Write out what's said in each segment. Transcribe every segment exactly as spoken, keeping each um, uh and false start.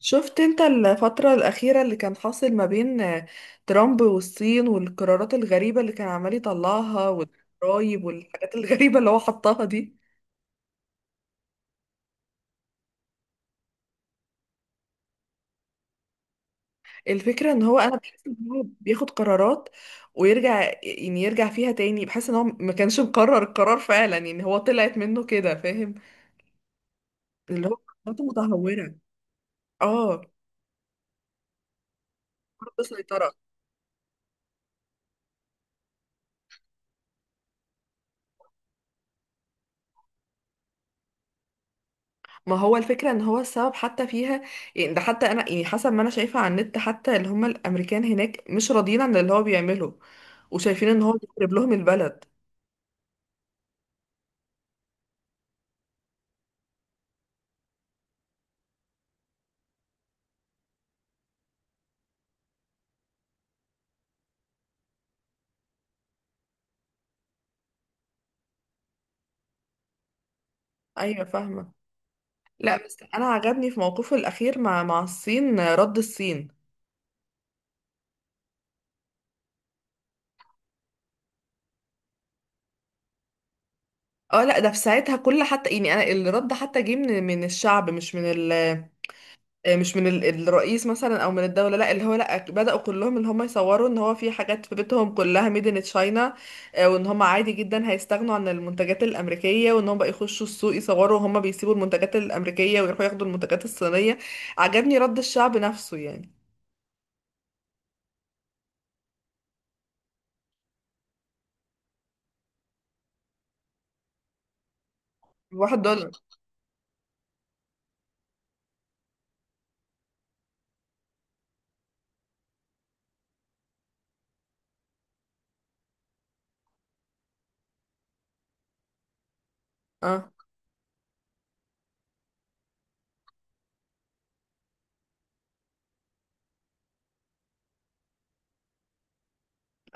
شفت انت الفترة الأخيرة اللي كان حاصل ما بين آه، ترامب والصين والقرارات الغريبة اللي كان عمال يطلعها والضرايب والحاجات الغريبة اللي هو حطها دي. الفكرة ان هو انا بحس ان هو بياخد قرارات ويرجع يعني يرجع فيها تاني. بحس ان هو ما كانش مقرر القرار فعلا، يعني هو طلعت منه كده، فاهم؟ اللي هو قراراته متهورة. اه، برضه سيطرة. ما هو الفكرة ان هو السبب حتى فيها، يعني ده حتى انا يعني حسب ما انا شايفة على النت، حتى اللي هم الامريكان هناك مش راضيين عن اللي هو بيعمله وشايفين ان هو بيخرب لهم البلد. ايوه، فاهمة. لا بس انا عجبني في موقفه الاخير مع مع الصين، رد الصين. اه لا، ده في ساعتها كل حتى يعني انا الرد حتى جه من من الشعب، مش من ال آه، مش من ال- الرئيس مثلا او من الدوله. لا اللي هو لا، بداوا كلهم ان هم يصوروا ان هو في حاجات في بيتهم كلها ميد ان تشاينا، وان هم عادي جدا هيستغنوا عن المنتجات الامريكيه، وان هم بقى يخشوا السوق يصوروا وهم بيسيبوا المنتجات الامريكيه ويروحوا ياخدوا المنتجات الصينيه. عجبني رد الشعب نفسه يعني. واحد دولار. اه،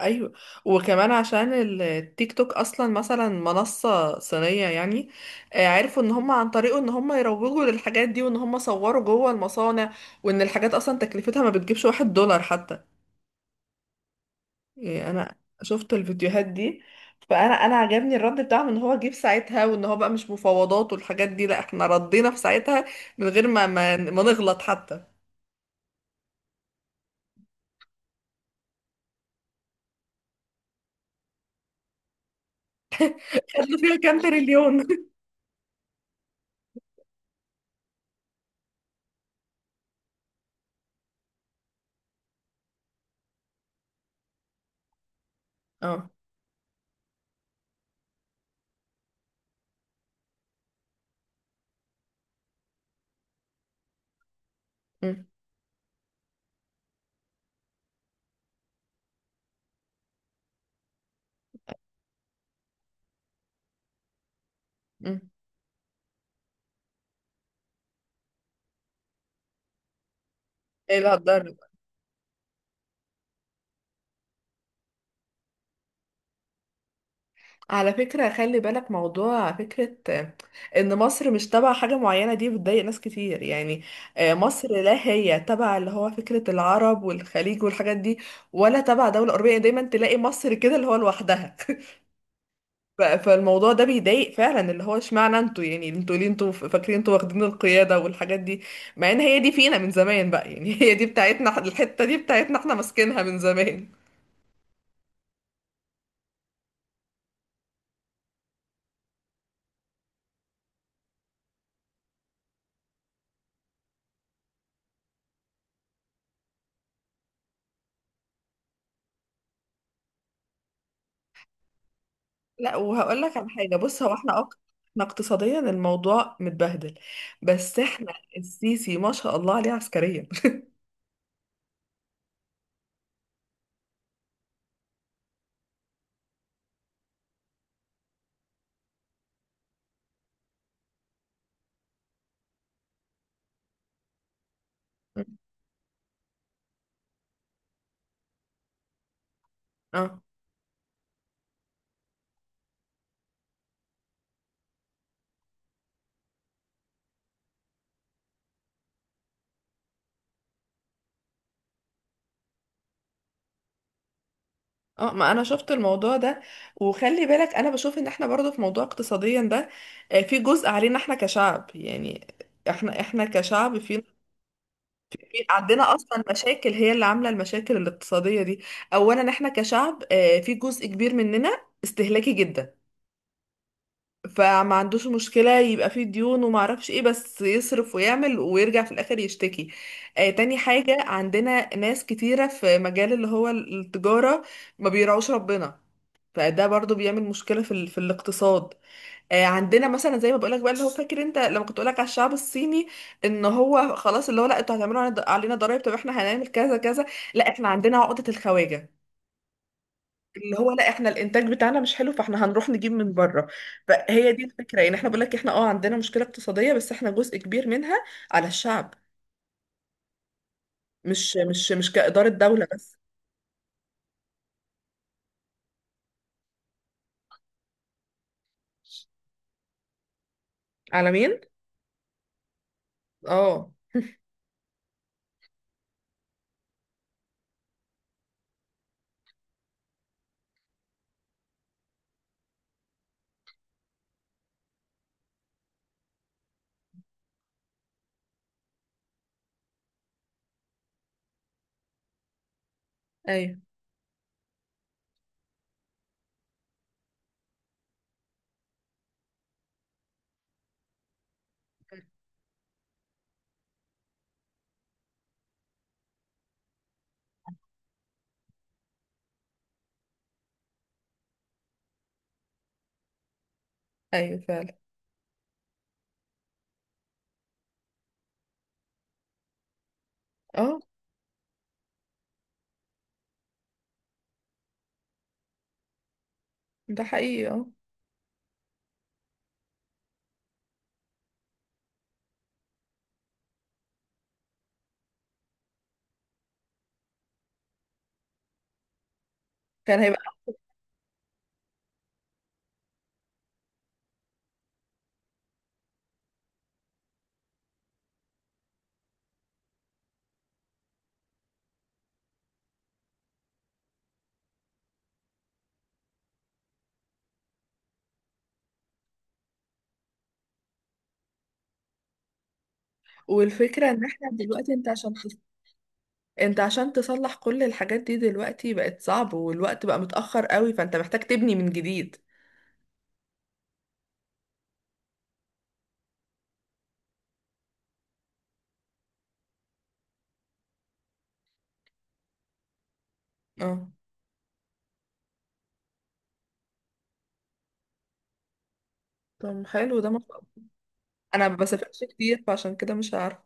ايوه. وكمان عشان التيك توك اصلا مثلا منصة صينية يعني، آه، عرفوا ان هم عن طريقه ان هم يروجوا للحاجات دي، وان هم صوروا جوه المصانع، وان الحاجات اصلا تكلفتها ما بتجيبش واحد دولار حتى. يعني انا شفت الفيديوهات دي. فانا انا عجبني الرد بتاعهم، ان هو جيب ساعتها وان هو بقى مش مفاوضات والحاجات دي. لا احنا ردينا في ساعتها من غير ما ما, ما نغلط حتى. خدنا فيها كام تريليون؟ اه. م- م. ايه اللي هتضر؟ على فكرة خلي بالك موضوع فكرة آه، ان مصر مش تبع حاجة معينة، دي بتضايق ناس كتير يعني. آه، مصر لا هي تبع اللي هو فكرة العرب والخليج والحاجات دي، ولا تبع دولة أوروبية. يعني دايما تلاقي مصر كده اللي هو لوحدها. ف- فالموضوع ده بيضايق فعلا، اللي هو اشمعنى انتوا، يعني انتوا ليه انتوا فاكرين انتوا واخدين القيادة والحاجات دي، مع ان هي دي فينا من زمان بقى يعني. هي دي بتاعتنا، الحتة دي بتاعتنا احنا، ماسكينها من زمان. لا وهقول لك على حاجه، بص هو احنا أق... احنا اقتصاديا الموضوع متبهدل، بس احنا السيسي ما شاء الله عليه عسكريا. اه. اه ما انا شفت الموضوع ده. وخلي بالك انا بشوف ان احنا برضو في موضوع اقتصاديا ده، آه، في جزء علينا احنا كشعب يعني. احنا احنا كشعب في، في- عندنا اصلا مشاكل هي اللي عامله المشاكل الاقتصاديه دي. اولا احنا كشعب آه، في جزء كبير مننا استهلاكي جدا، فما عندوش مشكلة يبقى فيه ديون وما اعرفش ايه، بس يصرف ويعمل ويرجع في الاخر يشتكي. آه، تاني حاجة عندنا ناس كتيرة في مجال اللي هو التجارة ما بيراعوش ربنا، فده برضو بيعمل مشكلة في, ال... في الاقتصاد. آه عندنا مثلا زي ما بقولك بقى، اللي هو فاكر انت لما كنت بقولك على الشعب الصيني ان هو خلاص اللي هو لا، انتوا هتعملوا علينا ضرائب طب احنا هنعمل كذا كذا. لا احنا عندنا عقدة الخواجة، اللي هو لا احنا الانتاج بتاعنا مش حلو فاحنا هنروح نجيب من بره. فهي دي الفكره يعني، احنا بقول لك احنا اه عندنا مشكله اقتصاديه بس احنا جزء كبير منها على الشعب، مش مش مش كاداره دوله بس. على مين؟ اه. ايوه. ايوه فعلا. اه. ده حقيقي اه. كان هيبقى. والفكره ان احنا دلوقتي انت عشان تص- انت عشان تصلح كل الحاجات دي دلوقتي بقت صعب والوقت بقى متاخر قوي، فانت محتاج تبني من جديد. اه. طب حلو ده ما شاء الله. انا ما بسافرش كتير فعشان كده مش عارفه.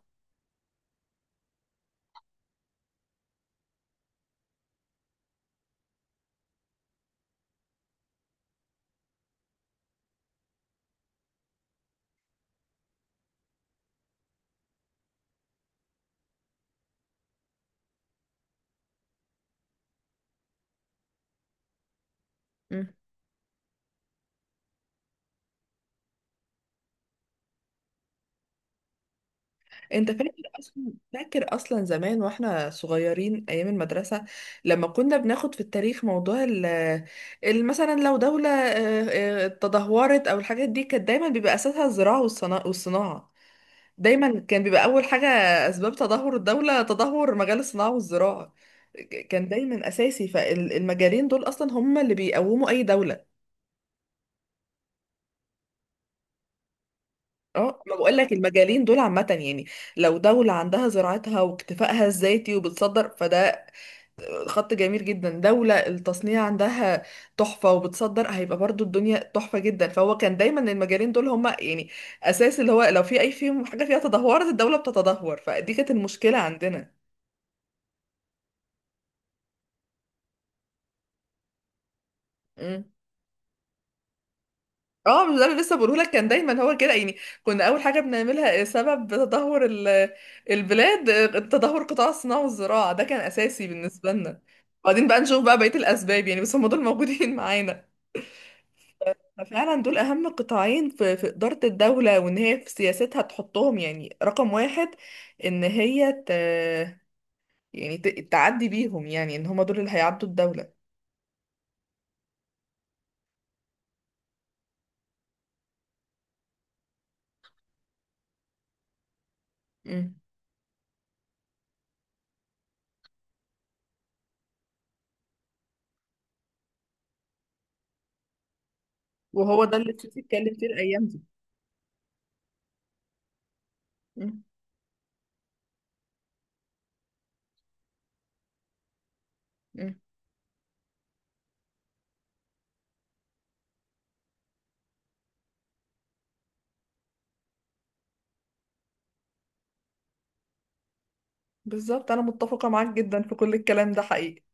انت فاكر اصلا، فاكر اصلا زمان واحنا صغيرين ايام المدرسه لما كنا بناخد في التاريخ موضوع ال ال- مثلا لو دوله اه، اه، تدهورت او الحاجات دي، كانت دايما بيبقى اساسها الزراعه والصنا- والصناعه. دايما كان بيبقى اول حاجه، اسباب تدهور الدوله تدهور مجال الصناعه والزراعه. ك- كان دايما اساسي، فالمجالين دول اصلا هم اللي بيقوموا اي دوله. اه ما بقول لك المجالين دول عامه يعني. لو دولة عندها زراعتها واكتفائها الذاتي وبتصدر، فده خط جميل جدا. دولة التصنيع عندها تحفة وبتصدر، هيبقى برضو الدنيا تحفة جدا. فهو كان دايما المجالين دول هما يعني أساس، اللي هو لو في أي فيهم حاجة فيها تدهورت الدولة بتتدهور. فدي كانت المشكلة عندنا. مم. اه، مش ده اللي لسه بقوله لك؟ كان دايما هو كده يعني. كنا أول حاجة بنعملها سبب تدهور ال- البلاد، تدهور قطاع الصناعة والزراعة، ده كان أساسي بالنسبة لنا. بعدين بقى نشوف بقى بقية الأسباب يعني، بس هم دول موجودين معانا. ففعلا دول اهم قطاعين في في اداره الدوله، وان هي في سياستها تحطهم يعني رقم واحد، ان هي ت... يعني ت... تعدي بيهم، يعني ان هما دول اللي هيعدوا الدوله. مم. وهو ده اللي السيسي اتكلم فيه الايام دي. مم. مم. بالظبط، انا متفقه معاك جدا في كل الكلام ده، حقيقي.